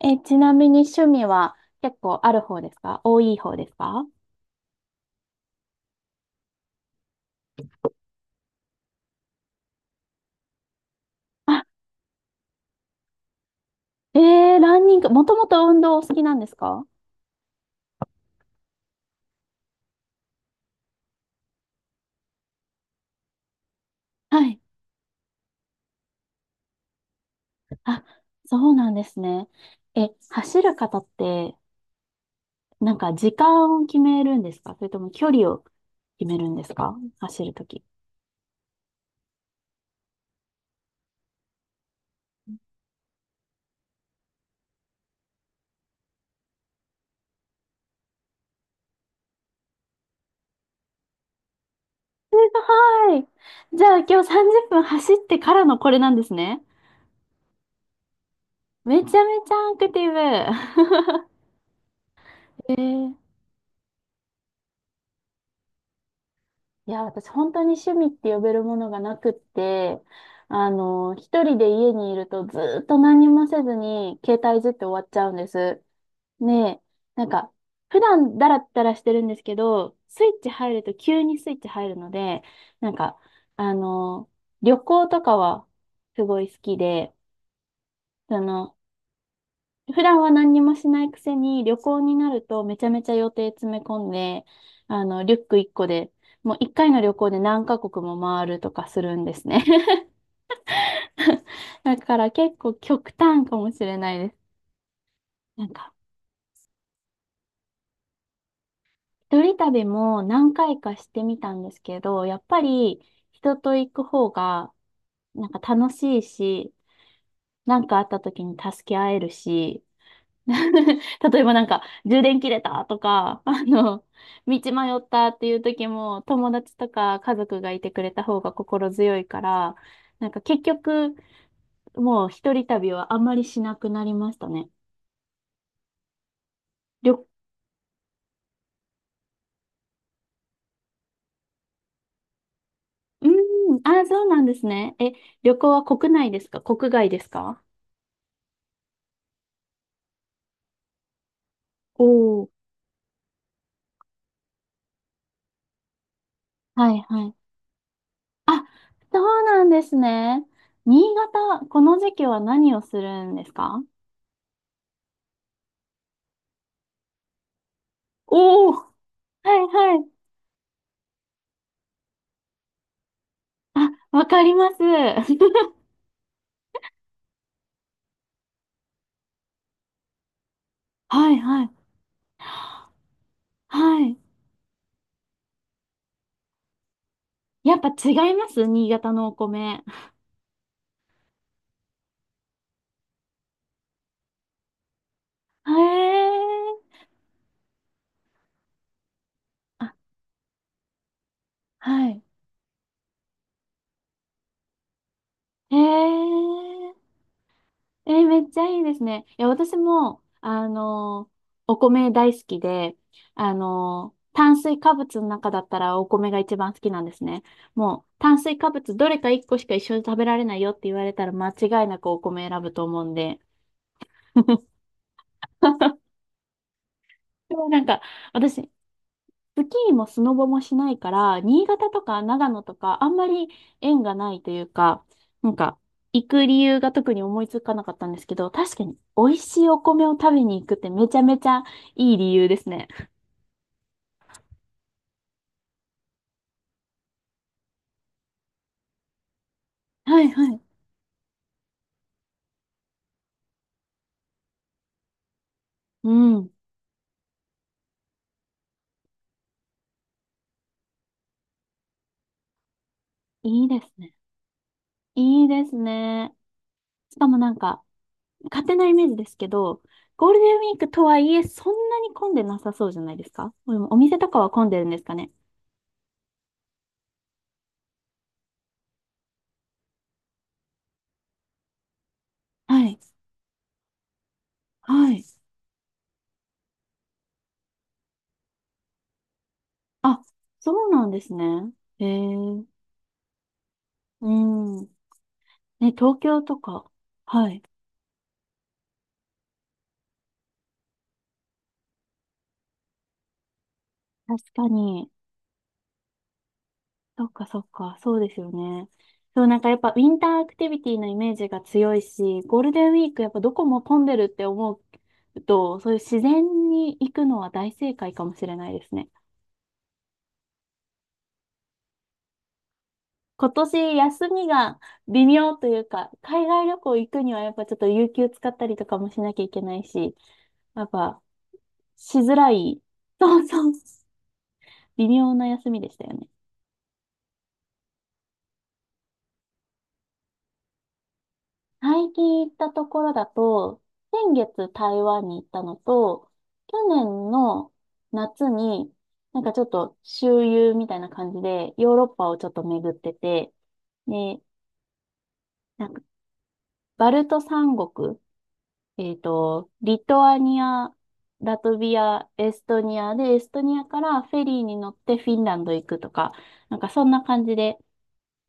ちなみに趣味は結構ある方ですか？多い方ですか？あ、えランニング、もともと運動お好きなんですか？はい。あ、そうなんですね。走る方って、なんか時間を決めるんですか？それとも距離を決めるんですか？走るとき。すごい。じゃあ今日30分走ってからのこれなんですね。めちゃめちゃアクティブ。えーいや、私本当に趣味って呼べるものがなくって、一人で家にいるとずーっと何もせずに携帯いじって終わっちゃうんです。ねえ、なんか、普段だらったらしてるんですけど、スイッチ入ると急にスイッチ入るので、なんか、あの、旅行とかはすごい好きで、その、普段は何にもしないくせに、旅行になるとめちゃめちゃ予定詰め込んで、リュック1個で、もう1回の旅行で何カ国も回るとかするんですね。だから結構極端かもしれないです。なんか、一人旅も何回かしてみたんですけど、やっぱり人と行く方がなんか楽しいし、何かあった時に助け合えるし、例えばなんか、充電切れたとか、道迷ったっていう時も、友達とか家族がいてくれた方が心強いから、なんか結局、もう一人旅はあんまりしなくなりましたね。旅、うーん、あー、そうなんですね。旅行は国内ですか？国外ですか？おおー、はいはい。あ、そうなんですね。新潟、この時期は何をするんですか？おおー、はいはい。あ、わかります。はいはい。はい。やっぱ違います新潟のお米。へえ。あ、はい。へえ。めっちゃいいですね。いや、私も、お米大好きで、炭水化物の中だったらお米が一番好きなんですね。もう、炭水化物どれか一個しか一緒に食べられないよって言われたら間違いなくお米選ぶと思うんで。でもなんか、私、スキーもスノボもしないから、新潟とか長野とか、あんまり縁がないというか、なんか、行く理由が特に思いつかなかったんですけど、確かに美味しいお米を食べに行くってめちゃめちゃいい理由ですね。はいはい。うん。いいですね。いいですね。しかもなんか、勝手なイメージですけど、ゴールデンウィークとはいえ、そんなに混んでなさそうじゃないですか？でもお店とかは混んでるんですかね？はい。はい。あ、そうなんですね。へえ。うん。ね、東京とか。はい。確かに。そっかそっか。そうですよね。そう、なんかやっぱウィンターアクティビティのイメージが強いし、ゴールデンウィークやっぱどこも混んでるって思うと、そういう自然に行くのは大正解かもしれないですね。今年休みが微妙というか、海外旅行行くにはやっぱちょっと有給使ったりとかもしなきゃいけないし、やっぱしづらい。そうそう。微妙な休みでしたよね。最近行ったところだと、先月台湾に行ったのと、去年の夏に、なんかちょっと周遊みたいな感じで、ヨーロッパをちょっと巡ってて、で、なんかバルト三国、リトアニア、ラトビア、エストニアで、エストニアからフェリーに乗ってフィンランド行くとか、なんかそんな感じで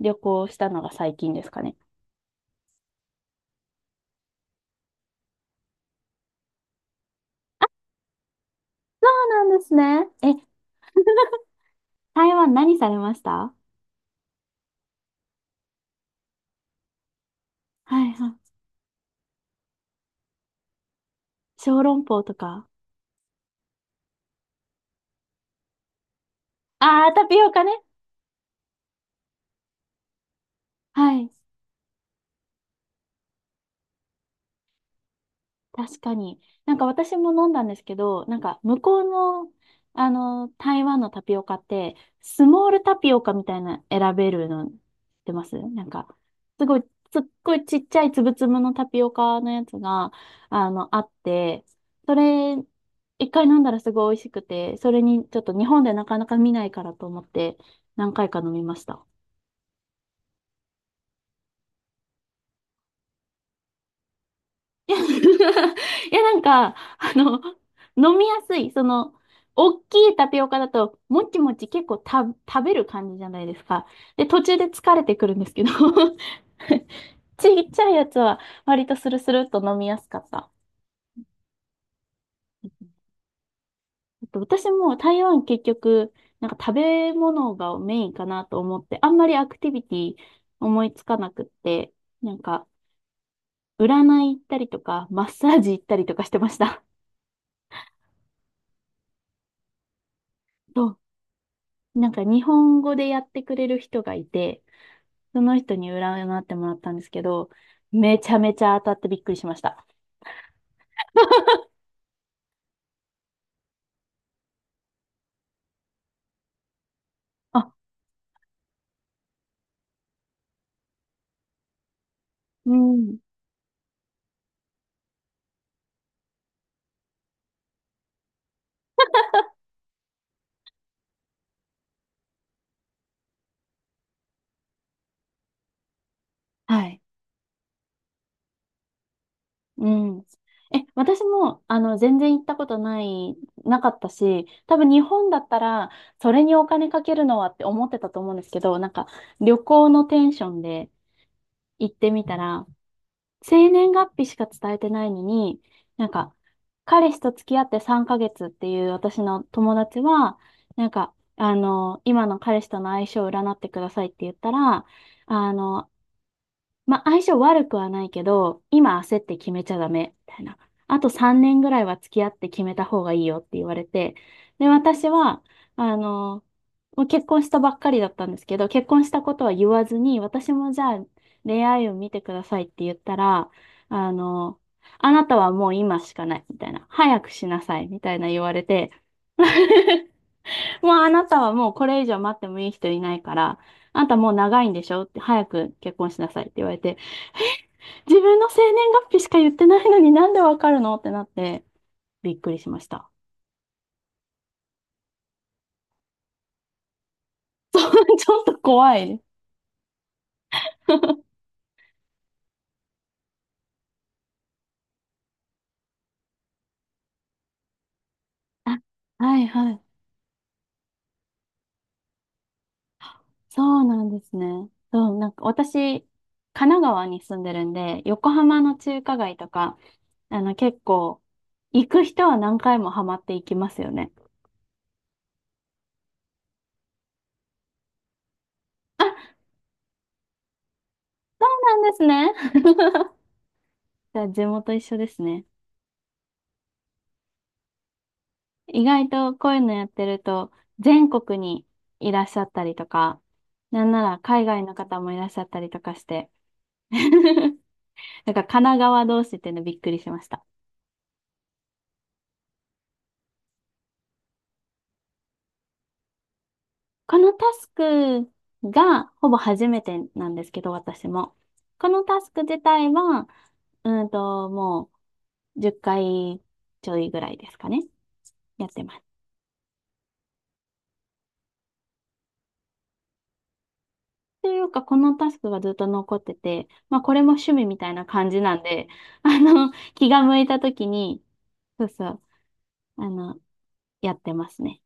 旅行したのが最近ですかね。そうなんですね。台湾何されました？はいはい。小籠包とか。ああ、タピオカね。はい。確かに。なんか私も飲んだんですけど、なんか向こうの、台湾のタピオカって、スモールタピオカみたいな選べるの知ってます？なんか、すごい、すっごいちっちゃいつぶつぶのタピオカのやつが、あって、それ、一回飲んだらすごい美味しくて、それにちょっと日本でなかなか見ないからと思って、何回か飲みました。いや、いやなんか、飲みやすい。大きいタピオカだと、もちもち結構食べる感じじゃないですか。で、途中で疲れてくるんですけど、ちっちゃいやつは割とスルスルっと飲みやすかった。あと私も台湾結局、なんか食べ物がメインかなと思って、あんまりアクティビティ思いつかなくって、なんか、占い行ったりとか、マッサージ行ったりとかしてました。となんか日本語でやってくれる人がいて、その人に占ってもらったんですけど、めちゃめちゃ当たってびっくりしました。あ、うん。はい。うん。私も、全然行ったことない、なかったし、多分日本だったら、それにお金かけるのはって思ってたと思うんですけど、なんか、旅行のテンションで行ってみたら、生年月日しか伝えてないのに、なんか、彼氏と付き合って3ヶ月っていう私の友達は、なんか、今の彼氏との相性を占ってくださいって言ったら、あの、まあ、相性悪くはないけど、今焦って決めちゃダメ、みたいな。あと3年ぐらいは付き合って決めた方がいいよって言われて、で、私は、あの、もう結婚したばっかりだったんですけど、結婚したことは言わずに、私もじゃあ恋愛を見てくださいって言ったら、あの、あなたはもう今しかない、みたいな。早くしなさい、みたいな言われて、もうあなたはもうこれ以上待ってもいい人いないから、あんたもう長いんでしょって早く結婚しなさいって言われて、自分の生年月日しか言ってないのになんでわかるのってなってびっくりしました。そうちょっと怖い。あ、はいはい。そうなんですね。そう、なんか私、神奈川に住んでるんで、横浜の中華街とか、結構、行く人は何回もハマっていきますよね。あ、そうなんですね。じゃあ地元一緒ですね。意外とこういうのやってると、全国にいらっしゃったりとか、なんなら海外の方もいらっしゃったりとかして、なんか神奈川同士っていうのびっくりしました。このタスクがほぼ初めてなんですけど、私も。このタスク自体は、もう10回ちょいぐらいですかね。やってます。というか、このタスクがずっと残ってて、まあこれも趣味みたいな感じなんで、気が向いた時に、そうそう、あの、やってますね。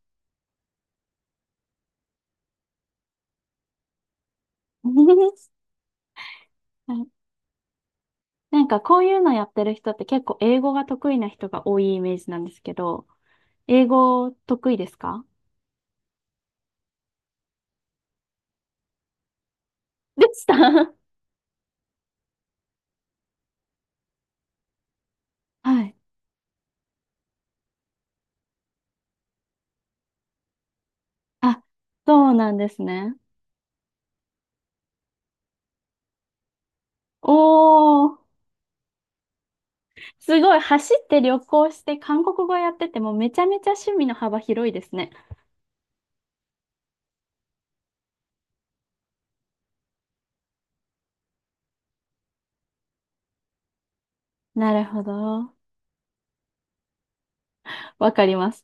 はい、なんかこういうのやってる人って結構英語が得意な人が多いイメージなんですけど、英語得意ですか？でした。 はい。あ、そうなんですね。おー、すごい。走って旅行して韓国語やっててもめちゃめちゃ趣味の幅広いですね。なるほど。わかります。